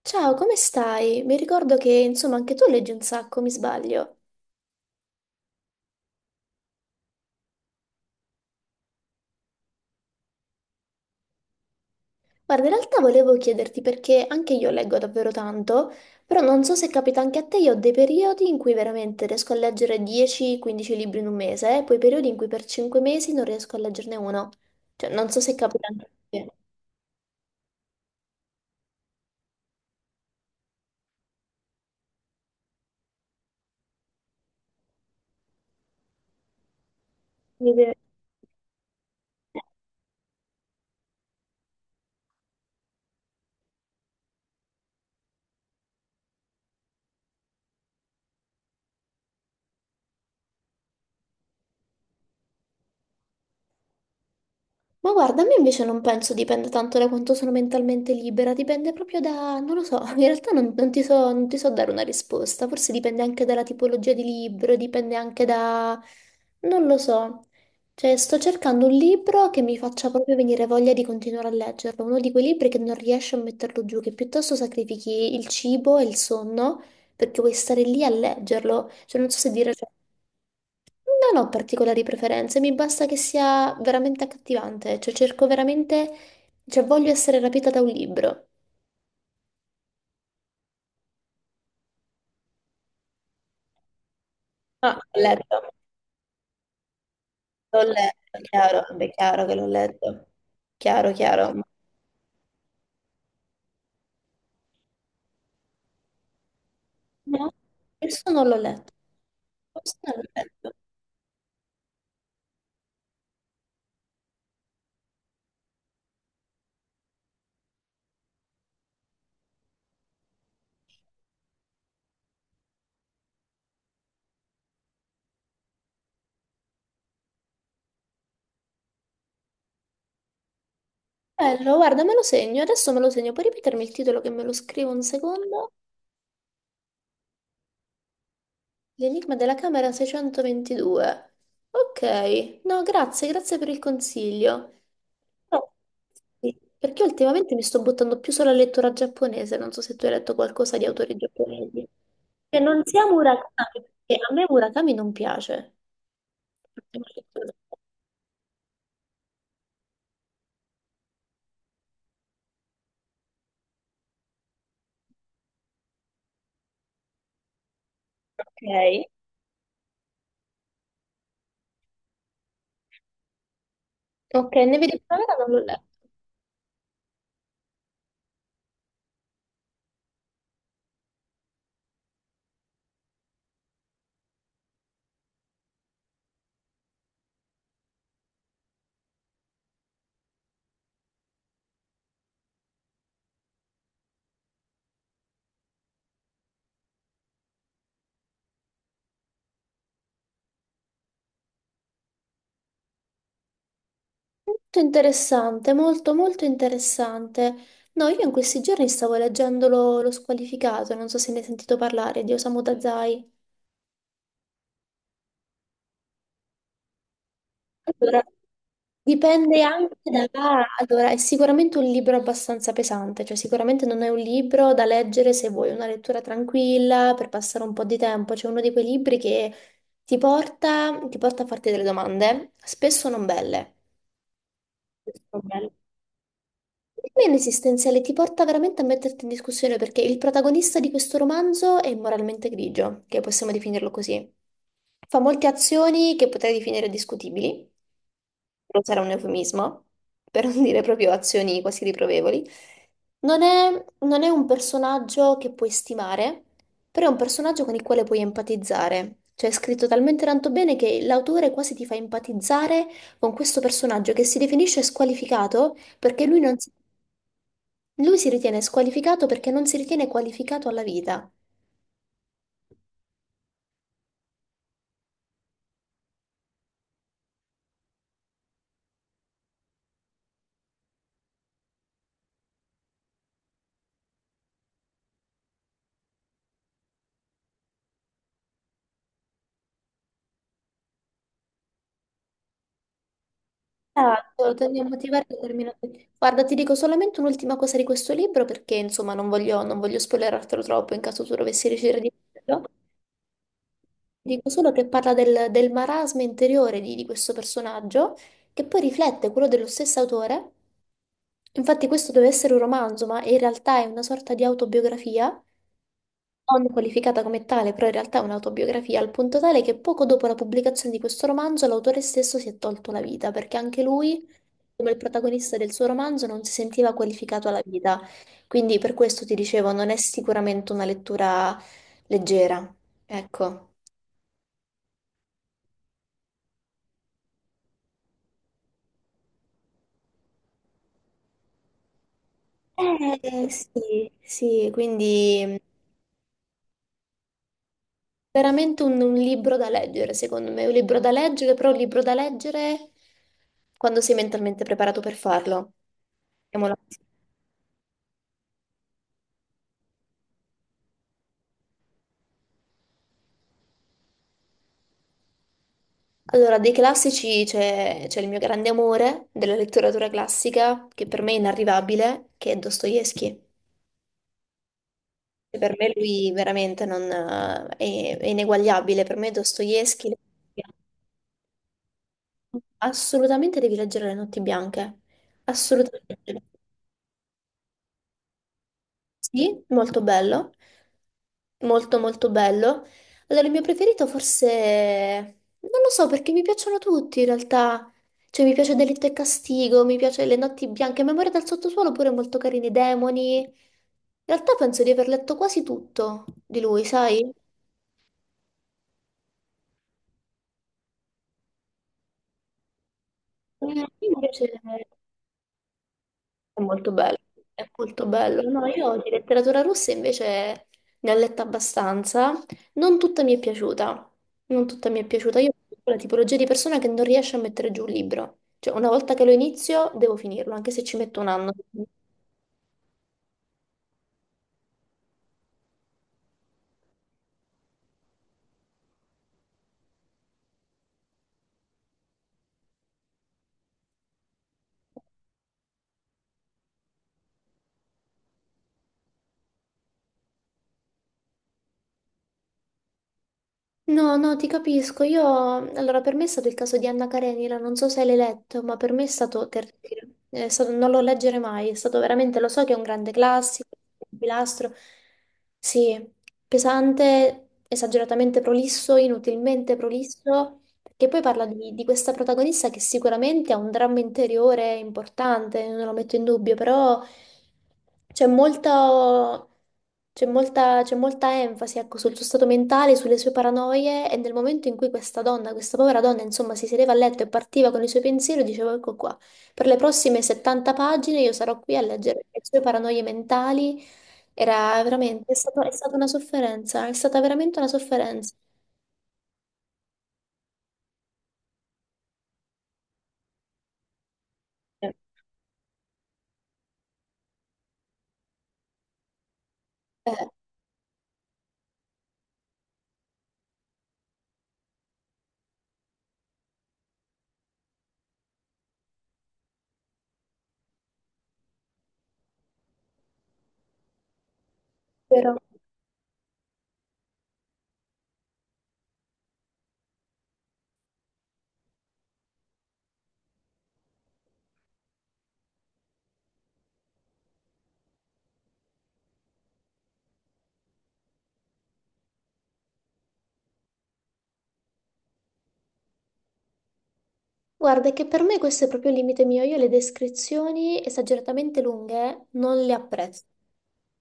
Ciao, come stai? Mi ricordo che, insomma, anche tu leggi un sacco, mi sbaglio? Guarda, in realtà volevo chiederti perché anche io leggo davvero tanto, però non so se capita anche a te. Io ho dei periodi in cui veramente riesco a leggere 10-15 libri in un mese, e poi periodi in cui per 5 mesi non riesco a leggerne uno. Cioè, non so se capita anche a te. Mi deve- Ma guarda, a me invece non penso dipenda tanto da quanto sono mentalmente libera, dipende proprio da, non lo so, in realtà non ti so dare una risposta. Forse dipende anche dalla tipologia di libro, dipende anche da, non lo so, cioè sto cercando un libro che mi faccia proprio venire voglia di continuare a leggerlo, uno di quei libri che non riesci a metterlo giù, che piuttosto sacrifichi il cibo e il sonno perché vuoi stare lì a leggerlo. Cioè non so se dire, non ho particolari preferenze, mi basta che sia veramente accattivante, cioè cerco veramente, cioè voglio essere rapita da un libro. Ah, l'ho letto, chiaro, beh, chiaro che l'ho letto, chiaro, chiaro. Ma no, questo non l'ho letto, questo non l'ho letto. Bello, guarda, me lo segno, adesso me lo segno. Puoi ripetermi il titolo che me lo scrivo un secondo? L'enigma della camera 622. Ok, no, grazie, grazie per il consiglio. Però- sì, perché ultimamente mi sto buttando più sulla lettura giapponese, non so se tu hai letto qualcosa di autori giapponesi. Che non sia Murakami, perché a me Murakami non piace. Ok. Ok, Neve di Primavera non l'ho letto. Molto interessante, molto molto interessante. No, io in questi giorni stavo leggendo lo squalificato, non so se ne hai sentito parlare, di Osamu Dazai. Allora, dipende anche da... Allora, è sicuramente un libro abbastanza pesante, cioè sicuramente non è un libro da leggere se vuoi una lettura tranquilla per passare un po' di tempo. C'è uno di quei libri che ti porta a farti delle domande, spesso non belle. Spesso non belle. Non esistenziale, ti porta veramente a metterti in discussione, perché il protagonista di questo romanzo è moralmente grigio, che possiamo definirlo così. Fa molte azioni che potrei definire discutibili, non sarà un eufemismo, per non dire proprio azioni quasi riprovevoli. Non è, non è un personaggio che puoi stimare, però è un personaggio con il quale puoi empatizzare. Cioè è scritto talmente tanto bene che l'autore quasi ti fa empatizzare con questo personaggio che si definisce squalificato, perché lui non si, lui si ritiene squalificato perché non si ritiene qualificato alla vita. Esatto, tendiamo a motivare determinati. Guarda, ti dico solamente un'ultima cosa di questo libro perché insomma non voglio spoilerartelo troppo in caso tu dovessi decidere di leggerlo. Dico solo che parla del marasma interiore di questo personaggio che poi riflette quello dello stesso autore. Infatti questo deve essere un romanzo, ma in realtà è una sorta di autobiografia, non qualificata come tale, però in realtà è un'autobiografia al punto tale che poco dopo la pubblicazione di questo romanzo l'autore stesso si è tolto la vita, perché anche lui, come il protagonista del suo romanzo, non si sentiva qualificato alla vita. Quindi per questo ti dicevo, non è sicuramente una lettura leggera. Ecco. Sì, sì, quindi veramente un libro da leggere, secondo me, un libro da leggere, però un libro da leggere quando sei mentalmente preparato per farlo. Mettiamola così. Allora, dei classici c'è il mio grande amore della letteratura classica, che per me è inarrivabile, che è Dostoevsky. Per me lui veramente non, è ineguagliabile. Per me Dostoevsky, Le Notti Bianche. Assolutamente devi leggere Le Notti Bianche. Assolutamente. Sì, molto bello. Molto molto bello. Allora, il mio preferito forse... Non lo so perché mi piacciono tutti in realtà. Cioè mi piace Delitto e Castigo, mi piace Le Notti Bianche, Memoria dal sottosuolo pure molto carini, Demoni. In realtà penso di aver letto quasi tutto di lui, sai? Eh, mi piace. È molto bello, è molto bello. No, io di letteratura russa invece ne ho letta abbastanza. Non tutta mi è piaciuta. Non tutta mi è piaciuta. Io sono la tipologia di persona che non riesce a mettere giù un libro. Cioè, una volta che lo inizio, devo finirlo, anche se ci metto un anno. No, no, ti capisco. Io, allora, per me è stato il caso di Anna Karenina, non so se l'hai letto, ma per me è stato terribile. Non lo leggere mai, è stato veramente, lo so che è un grande classico, un pilastro, sì, pesante, esageratamente prolisso, inutilmente prolisso, che poi parla di questa protagonista che sicuramente ha un dramma interiore importante, non lo metto in dubbio, però c'è molta, c'è molta, c'è molta enfasi, ecco, sul suo stato mentale, sulle sue paranoie. E nel momento in cui questa donna, questa povera donna, insomma, si sedeva a letto e partiva con i suoi pensieri, dicevo, ecco qua, per le prossime 70 pagine io sarò qui a leggere le sue paranoie mentali. Era veramente, è stata una sofferenza, è stata veramente una sofferenza. Eh, Eh, però guarda, è che per me questo è proprio il limite mio. Io le descrizioni esageratamente lunghe non le apprezzo.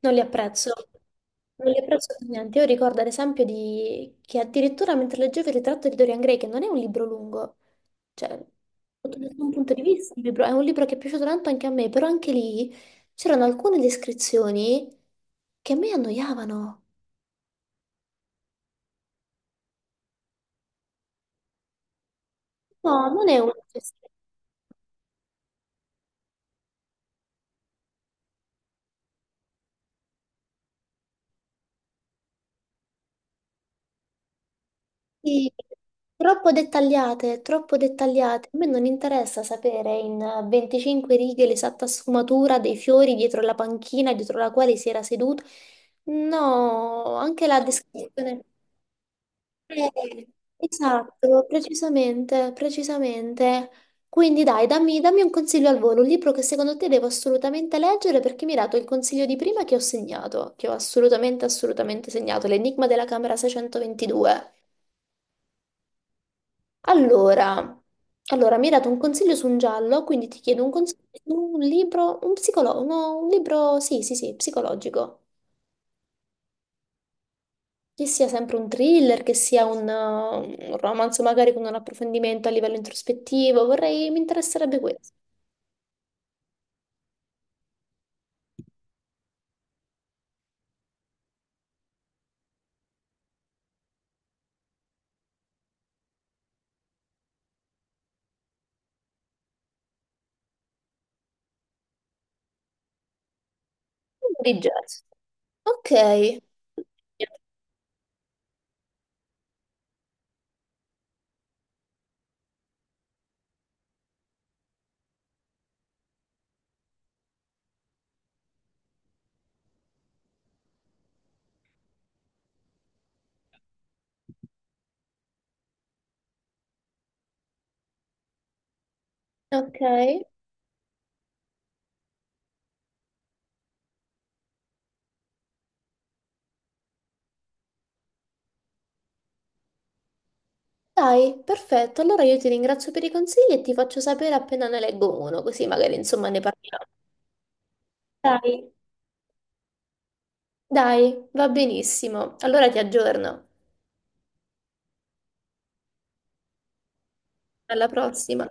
Non le apprezzo. Non le apprezzo per niente. Io ricordo ad esempio di... che addirittura mentre leggevo Il ritratto di Dorian Gray, che non è un libro lungo, cioè, sotto nessun punto di vista, è un libro che è piaciuto tanto anche a me, però anche lì c'erano alcune descrizioni che a me annoiavano. No, non è una, sì, troppo dettagliate, troppo dettagliate. A me non interessa sapere in 25 righe l'esatta sfumatura dei fiori dietro la panchina dietro la quale si era seduto. No, anche la descrizione. Eh, esatto, precisamente, precisamente. Quindi dai, dammi un consiglio al volo, un libro che secondo te devo assolutamente leggere, perché mi hai dato il consiglio di prima che ho segnato, che ho assolutamente, assolutamente segnato, L'Enigma della Camera 622. Allora, allora, mi hai dato un consiglio su un giallo, quindi ti chiedo un consiglio su un libro, un psicolo- no, un libro, sì, sì, sì, psicologico. Che sia sempre un thriller, che sia un romanzo magari con un approfondimento a livello introspettivo, vorrei, mi interesserebbe questo. Un Di jazz. Ok, ok. Dai, perfetto. Allora io ti ringrazio per i consigli e ti faccio sapere appena ne leggo uno, così magari insomma ne parliamo. Dai. Dai, va benissimo. Allora ti aggiorno. Alla prossima.